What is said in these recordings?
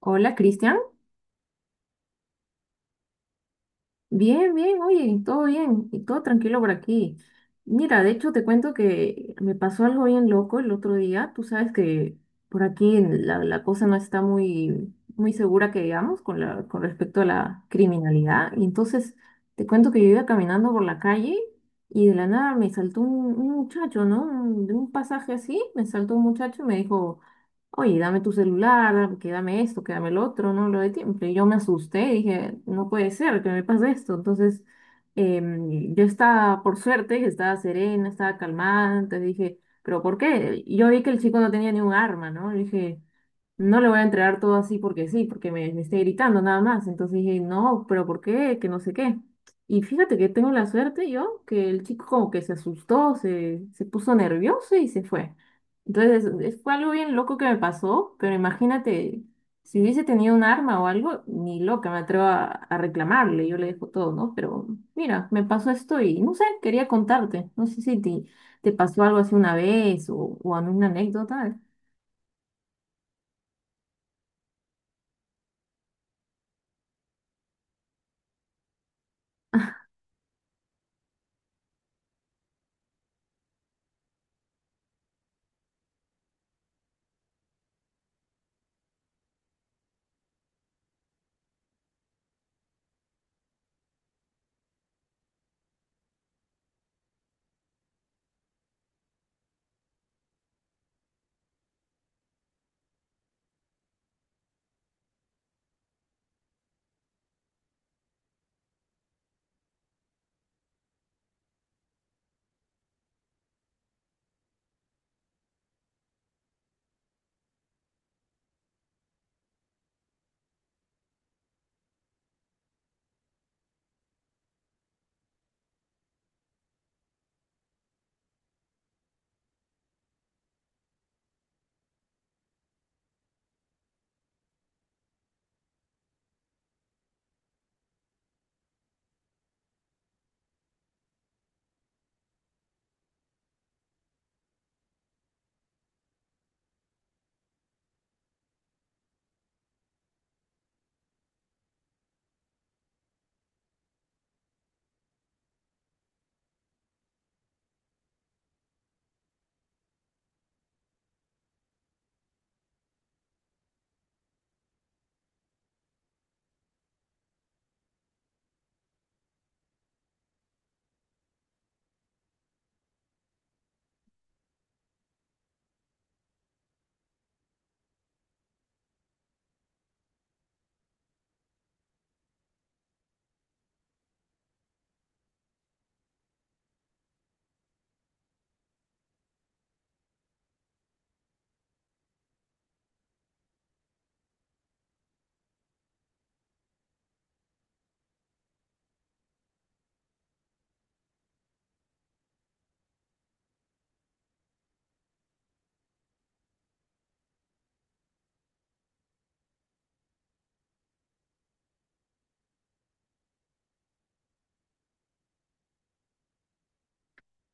Hola, Cristian. Bien, bien, oye, todo bien y todo tranquilo por aquí. Mira, de hecho te cuento que me pasó algo bien loco el otro día. Tú sabes que por aquí en la cosa no está muy, muy segura que digamos con la, con respecto a la criminalidad. Y entonces te cuento que yo iba caminando por la calle y de la nada me saltó un muchacho, ¿no? De un pasaje así, me saltó un muchacho y me dijo, oye, dame tu celular, dame- que dame esto, que dame el otro, no lo de tiempo. Y yo me asusté, dije, no puede ser que me pase esto. Entonces, yo estaba, por suerte, estaba serena, estaba calmada, entonces dije, ¿pero por qué? Yo vi que el chico no tenía ni un arma, ¿no? Le dije, no le voy a entregar todo así porque sí, porque me esté gritando nada más. Entonces dije, no, pero ¿por qué? Que no sé qué. Y fíjate que tengo la suerte yo, que el chico como que se asustó, se puso nervioso y se fue. Entonces fue algo bien loco que me pasó, pero imagínate, si hubiese tenido un arma o algo, ni loca me atrevo a reclamarle, yo le dejo todo, ¿no? Pero mira, me pasó esto y no sé, quería contarte. No sé si te pasó algo así una vez o una anécdota.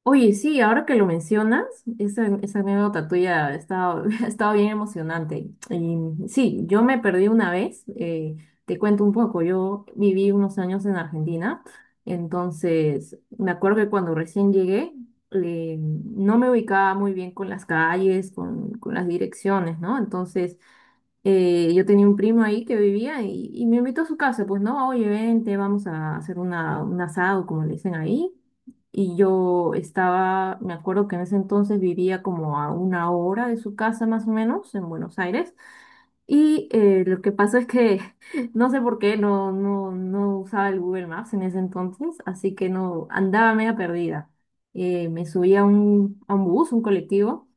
Oye, sí, ahora que lo mencionas, esa anécdota tuya ha estado, ha estado bien emocionante. Y sí, yo me perdí una vez, te cuento un poco, yo viví unos años en Argentina, entonces me acuerdo que cuando recién llegué, no me ubicaba muy bien con las calles, con las direcciones, ¿no? Entonces yo tenía un primo ahí que vivía y me invitó a su casa, pues no, oye, vente, vamos a hacer una, un asado, como le dicen ahí. Y yo estaba, me acuerdo que en ese entonces vivía como a una hora de su casa más o menos, en Buenos Aires. Y lo que pasó es que no sé por qué no usaba el Google Maps en ese entonces, así que no andaba media perdida. Me subí a un bus, un colectivo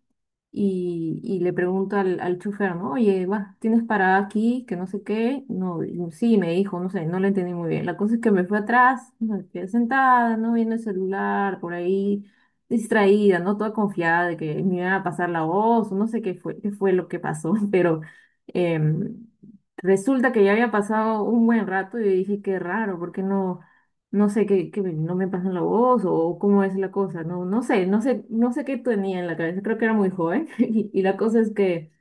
y le pregunto al, al chofer, ¿no? Oye, vas, ¿tienes parada aquí? Que no sé qué. No, digo, sí, me dijo, no sé, no lo entendí muy bien. La cosa es que me fue atrás, me quedé sentada, ¿no? Viendo el celular por ahí, distraída, ¿no? Toda confiada de que me iba a pasar la voz, o no sé qué fue lo que pasó, pero em, resulta que ya había pasado un buen rato y yo dije, qué raro, porque no, no sé qué, no me pasan la voz o cómo es la cosa, no, no, sé, no sé qué tenía en la cabeza, creo que era muy joven y la cosa es que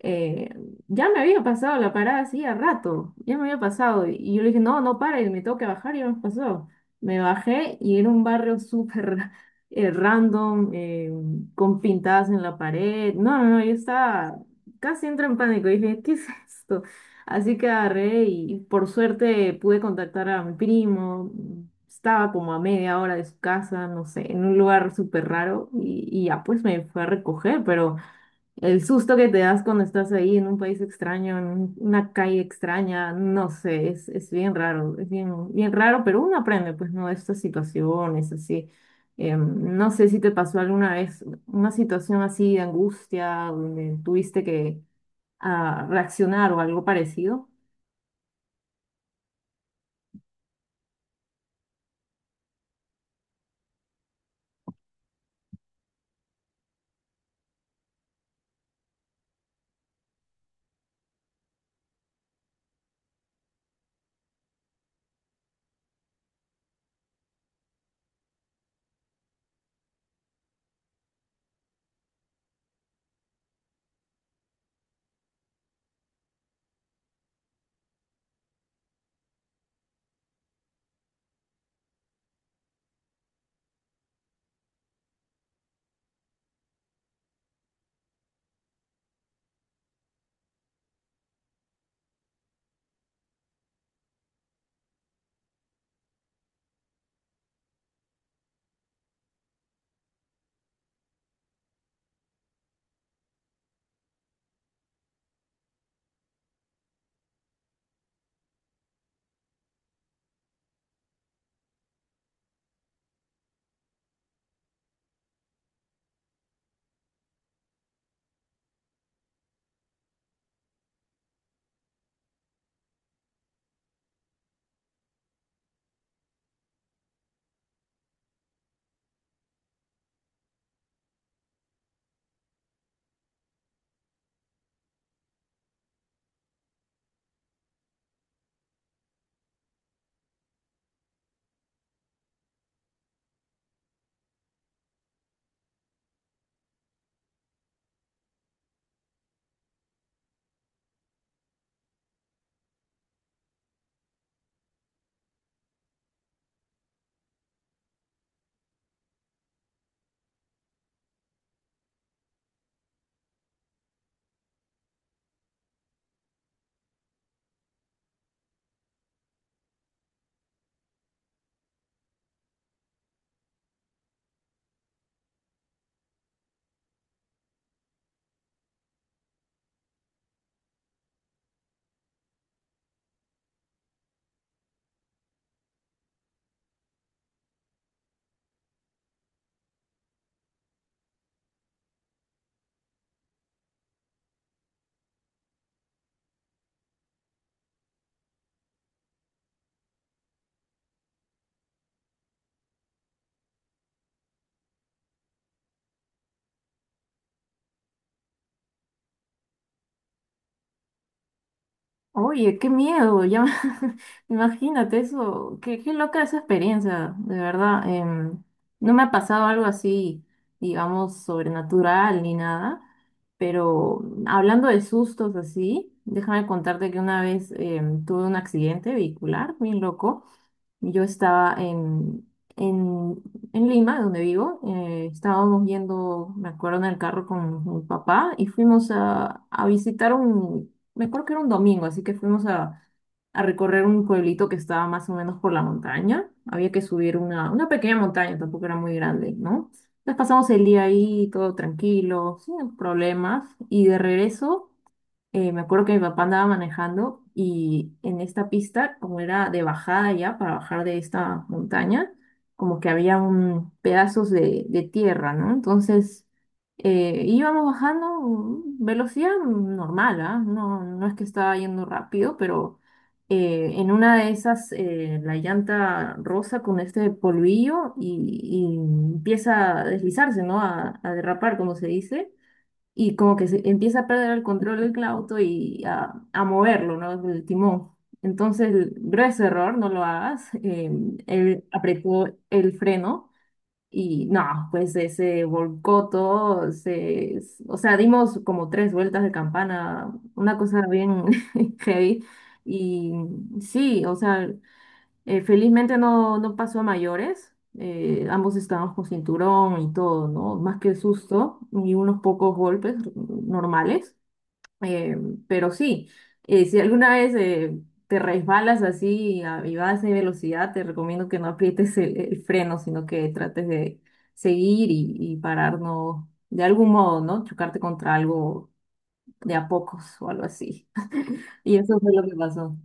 eh, ya me había pasado la parada hacía rato, ya me había pasado. Y yo le dije, no, no pare, me tengo que bajar y ya me pasó. Me bajé y era un barrio súper random, con pintadas en la pared. No, no, no, yo estaba casi entro en pánico. Dije, ¿qué es esto? Así que agarré y por suerte pude contactar a mi primo. Estaba como a media hora de su casa, no sé, en un lugar súper raro y ya pues me fue a recoger, pero el susto que te das cuando estás ahí en un país extraño, en una calle extraña, no sé, es bien raro, es bien, bien raro, pero uno aprende, pues, ¿no? De estas situaciones así. No sé si te pasó alguna vez una situación así de angustia, donde tuviste que reaccionar o algo parecido. Oye, qué miedo, ya imagínate eso, qué, qué loca esa experiencia, de verdad. No me ha pasado algo así, digamos, sobrenatural ni nada, pero hablando de sustos así, déjame contarte que una vez tuve un accidente vehicular, bien loco. Yo estaba en, en Lima, donde vivo. Estábamos yendo, me acuerdo, en el carro con mi papá y fuimos a visitar un, me acuerdo que era un domingo, así que fuimos a recorrer un pueblito que estaba más o menos por la montaña. Había que subir una pequeña montaña, tampoco era muy grande, ¿no? Entonces pasamos el día ahí, todo tranquilo, sin problemas. Y de regreso me acuerdo que mi papá andaba manejando y en esta pista, como era de bajada ya, para bajar de esta montaña, como que había un pedazos de tierra, ¿no? Entonces íbamos bajando velocidad normal, ¿ah? No, no es que estaba yendo rápido, pero en una de esas la llanta rosa con este polvillo y empieza a deslizarse, ¿no? A derrapar, como se dice y como que se empieza a perder el control del auto y a moverlo, ¿no? El timón. Entonces, grueso error, no lo hagas. Él apretó el freno y no, pues se volcó todo, o sea, dimos como tres vueltas de campana, una cosa bien heavy. Y sí, o sea, felizmente no, no pasó a mayores. Ambos estábamos con cinturón y todo, ¿no? Más que el susto y unos pocos golpes normales. eh, pero sí, si alguna vez te resbalas así y vas de velocidad, te recomiendo que no aprietes el freno, sino que trates de seguir y parar, ¿no? De algún modo, ¿no? Chocarte contra algo de a pocos o algo así. Y eso fue lo que pasó.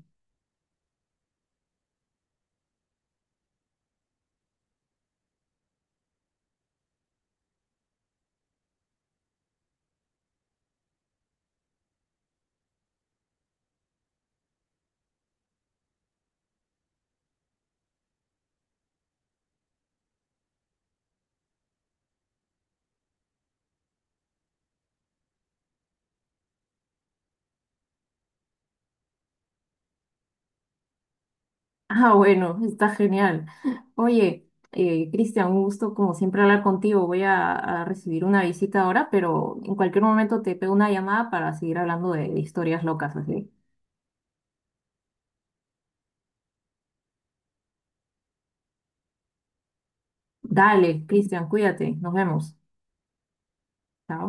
Ah, bueno, está genial. Oye, Cristian, un gusto como siempre hablar contigo. Voy a recibir una visita ahora, pero en cualquier momento te pego una llamada para seguir hablando de historias locas, así. Dale, Cristian, cuídate. Nos vemos. Chao.